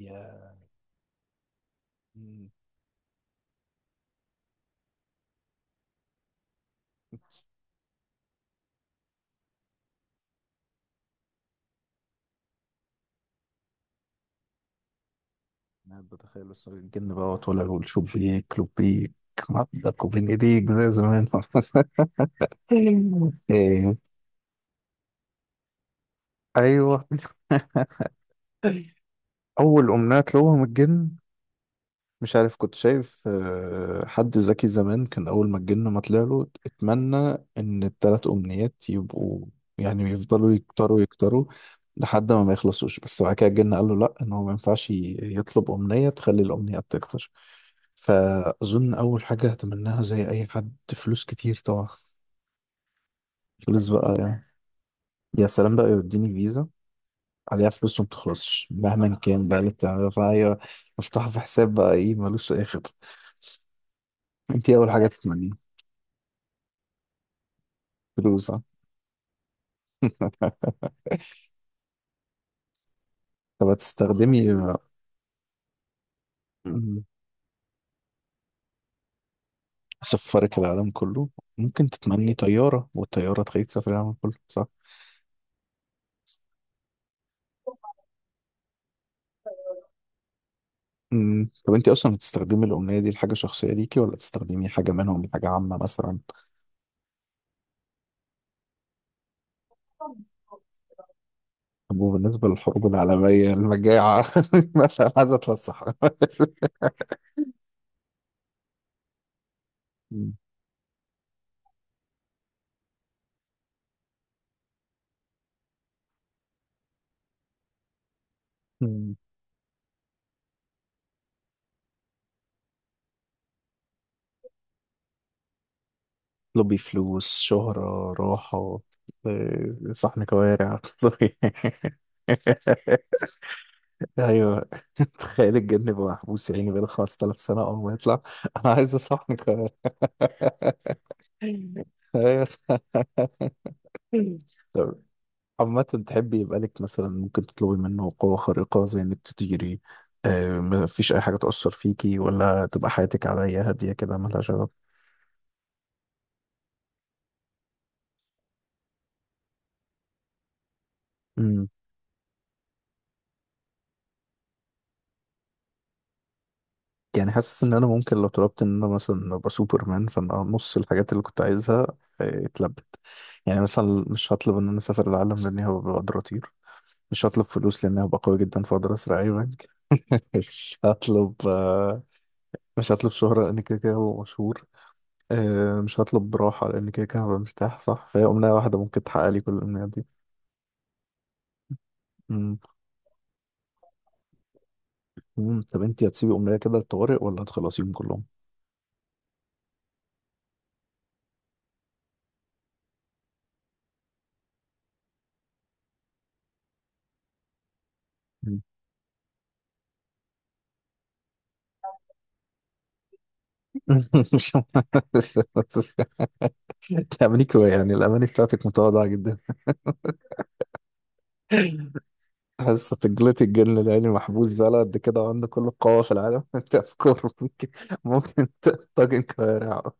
يا مم. أنا بتخيل بس الجن بقى ولا والشوب بيك لوب بيك عضك وبين ايديك زي زمان. إيه. ايوه، اول امنيات لهم الجن. مش عارف، كنت شايف حد ذكي زمان كان أول ما الجن ما طلع له اتمنى إن التلات أمنيات يبقوا، يعني يفضلوا يكتروا يكتروا لحد ما يخلصوش. بس بعد كده الجن قال له لأ، إن هو ما ينفعش يطلب أمنية تخلي الأمنيات تكتر. فأظن أول حاجة هتمناها زي أي حد، فلوس كتير طبعا. فلوس بقى يعني. يا سلام بقى، يوديني فيزا عليها فلوس وما بتخلصش مهما كان بقى اللي بتعمله، فهي مفتوحة في حساب بقى، إيه، ملوش أي خطة. أنت إيه أول حاجة تتمنيها؟ فلوس آه. طب هتستخدمي. مم. سفرك العالم كله. ممكن تتمني طيارة والطيارة تخليك تسافر العالم كله، صح؟ مم. طب انت اصلا هتستخدمي الأمنية دي لحاجة شخصية ليكي، ولا تستخدمي حاجة منهم لحاجة عامة مثلا؟ طب وبالنسبة للحروب العالمية المجاعة؟ مثلا عايزة اتفسح. مم. مم. طلبي فلوس، شهرة، راحة، صحن كوارع. ايوه. تخيل الجن يبقى محبوس يا عيني بقاله 5000 سنه، اول ما يطلع انا عايز اصحنك. ايوه. طب عامة تحبي يبقى لك مثلا ممكن تطلبي منه قوة خارقة زي انك تطيري؟ ما فيش اي حاجة تأثر فيكي، ولا تبقى حياتك عادية هادية كده مالهاش غرض؟ امم يعني حاسس ان انا ممكن لو طلبت ان انا مثلا ابقى سوبرمان، فانا نص الحاجات اللي كنت عايزها اتلبت. يعني مثلا مش هطلب ان انا اسافر العالم لاني هبقى بقدراتي. مش هطلب فلوس لأن هبقى قوي جدا فأقدر أسرق أي بنك. مش هطلب مش هطلب شهرة لأن كده كده هبقى مشهور. مش هطلب راحة لأن كده كده هبقى مرتاح، صح؟ فهي أمنية واحدة ممكن تحقق لي كل الأمنيات دي. مم. مم. طب أنت هتسيبي أمنية كده للطوارئ، ولا هتخلصيهم كلهم؟ مم. مش تأمنيك هو، يعني الأماني بتاعتك متواضعة جدا. حاسة تجلتي الجن العيني محبوس بقى قد كده وعنده كل القوة في العالم. تفكر ممكن طاجن كوارع.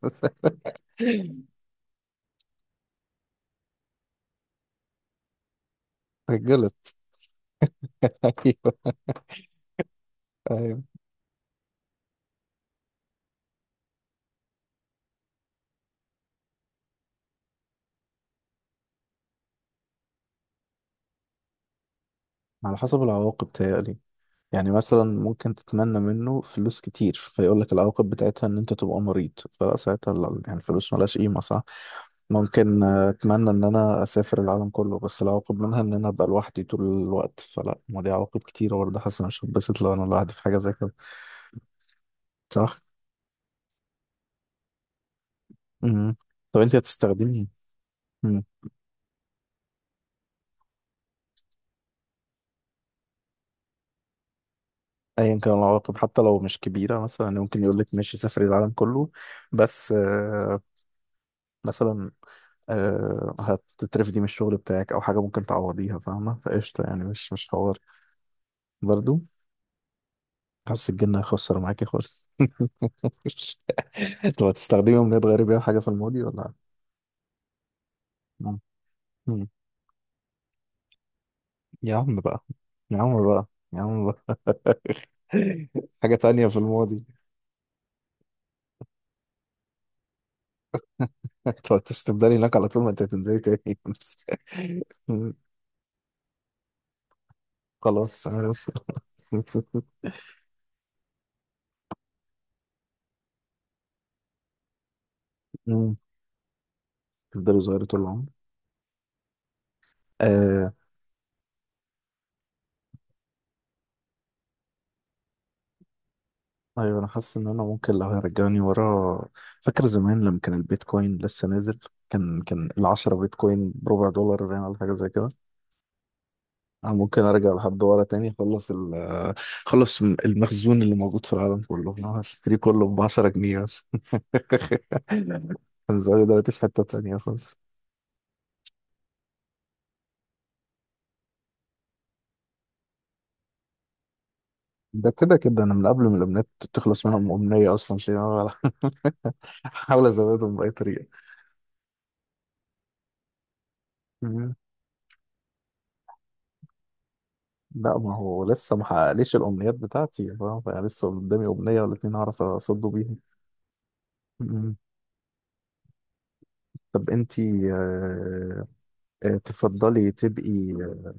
تجلط. ايوه. ايوه، على حسب العواقب تهيألي. يعني مثلا ممكن تتمنى منه فلوس كتير فيقول لك العواقب بتاعتها ان انت تبقى مريض، فساعتها يعني الفلوس ملهاش قيمة، صح؟ ممكن اتمنى ان انا اسافر العالم كله، بس العواقب منها ان انا ابقى لوحدي طول الوقت، فلا، ما دي عواقب كتيرة برضه. حاسس إن مش هتبسط لو انا لوحدي في حاجة زي كده، صح؟ مم. طب انت هتستخدمي. مم. ايا كان العواقب، حتى لو مش كبيرة، مثلا يعني ممكن يقول لك ماشي سافري العالم كله، بس مثلا هتترفدي من الشغل بتاعك او حاجه ممكن تعوضيها، فاهمه؟ فقشطه يعني، مش مش حوار. برضو، حاسس الجن هيخسر معاكي خالص. طب هتستخدمي امنيه تغيري بيها حاجه في الماضي ولا؟ مم. مم. يا عم بقى، يا عم بقى، يا عم بقى، حاجه تانية في الماضي. انت هتفضلي هناك على طول، ما انت هتنزلي تاني. مم. خلاص انا بس. مم. تفضلي صغيرة طول العمر. آه، ايوه، انا حاسس ان انا ممكن لو هيرجعني ورا. فاكر زمان لما كان البيتكوين لسه نازل، كان العشرة بيتكوين بربع دولار باين، ولا حاجه زي كده. انا ممكن ارجع لحد ورا تاني، اخلص خلص المخزون اللي موجود في العالم كله، انا هشتري كله ب 10 جنيه بس. كان زمان، دلوقتي في حته تانيه خالص. ده كده كده انا من قبل ما الامنيات تخلص منهم امنيه اصلا تلاقيني أنا بحاول. ازودهم باي طريقه. لا، ما هو لسه ما حققليش الامنيات بتاعتي، فاهم؟ فلسه قدامي امنيه ولا اتنين اعرف اصده بيهم. م- م. طب انتي تفضلي تبقي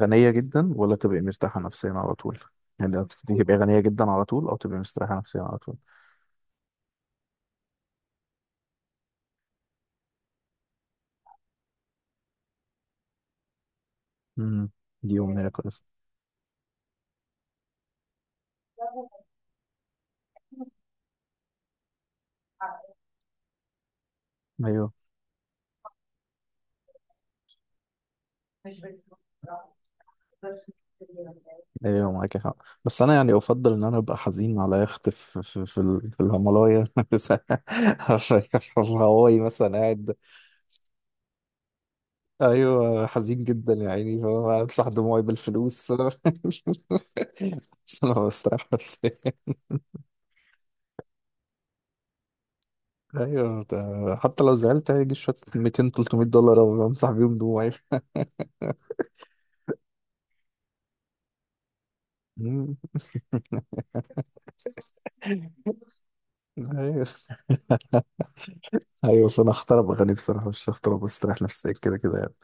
غنيه جدا، ولا تبقي مرتاحه نفسيا على طول؟ يعني لو تفضلي تبقي غنيه جدا على طول، او تبقي مرتاحه نفسيا على طول. م. دي امنيه كويسه. ايوه. ايوه، معاكي حق. بس انا يعني افضل ان انا ابقى حزين على يخت في في الهيمالايا، في الهواي مثلا قاعد. ايوه، حزين جدا يا عيني، فاهم؟ امسح دموعي بالفلوس. بس انا بستريح نفسيا. ايوه، ده حتى لو زعلت هيجي شويه 200 300 دولار او امسح بيهم دموعي. مم. ايوه. ايوه، فانا اختار ابقى غني بصراحه، مش هختار ابقى استريح نفسيا كده كده يعني.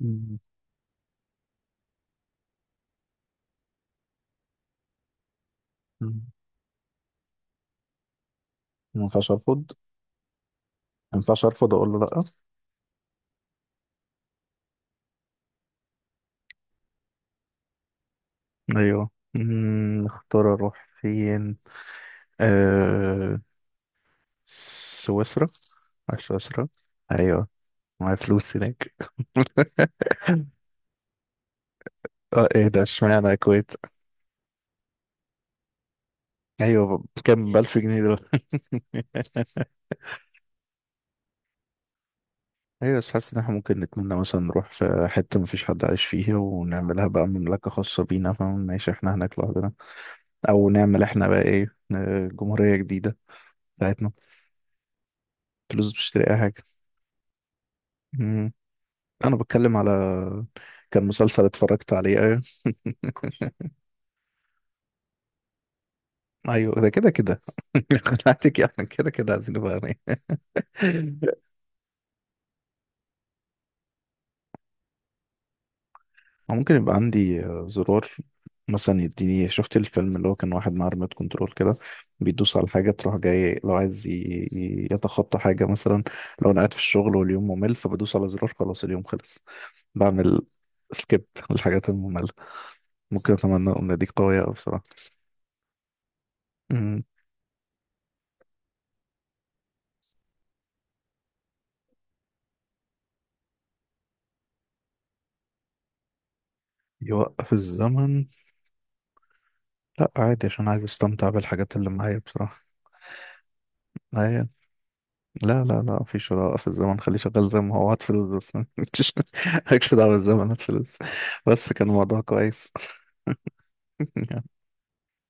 مم. مم. ما ينفعش ارفض. ما ينفعش ارفض، اقول له لا. ايوه. اختار اروح فين. آه... سويسرا. على سويسرا. ايوه، معايا فلوس هناك. اه، ايه ده، اشمعنى الكويت؟ ايوه، كام؟ ب 1000 جنيه دول. ايوه، بس حاسس ان احنا ممكن نتمنى مثلا نروح في حته مفيش حد عايش فيها، ونعملها بقى مملكه خاصه بينا، فاهم؟ نعيش احنا هناك لوحدنا. او نعمل احنا بقى ايه، جمهوريه جديده بتاعتنا، فلوس، مش تلاقي اي حاجه. مم. انا بتكلم على كان مسلسل اتفرجت عليه. ايوه. ايوه، ده كده كده. خلعتك يعني، كده كده عايزين نبقى أغنياء. أو ممكن يبقى عندي زرار، مثلا يديني. شفت الفيلم اللي هو كان واحد معاه ريموت كنترول كده، بيدوس على حاجة تروح جاي لو عايز يتخطى حاجة مثلا. لو أنا قاعد في الشغل واليوم ممل، فبدوس على زرار، خلاص اليوم خلص. بعمل سكيب للحاجات المملة. ممكن أتمنى أن دي قوية أوي بصراحة. أمم، يوقف الزمن؟ لا عادي، عشان عايز أستمتع بالحاجات اللي معايا بصراحة. أيوة. لا لا لا، مفيش ولا في الزمن، خليه شغال زي ما هو، هات فلوس بس. مالكش دعوة بالزمن، هات فلوس. بس كان الموضوع كويس.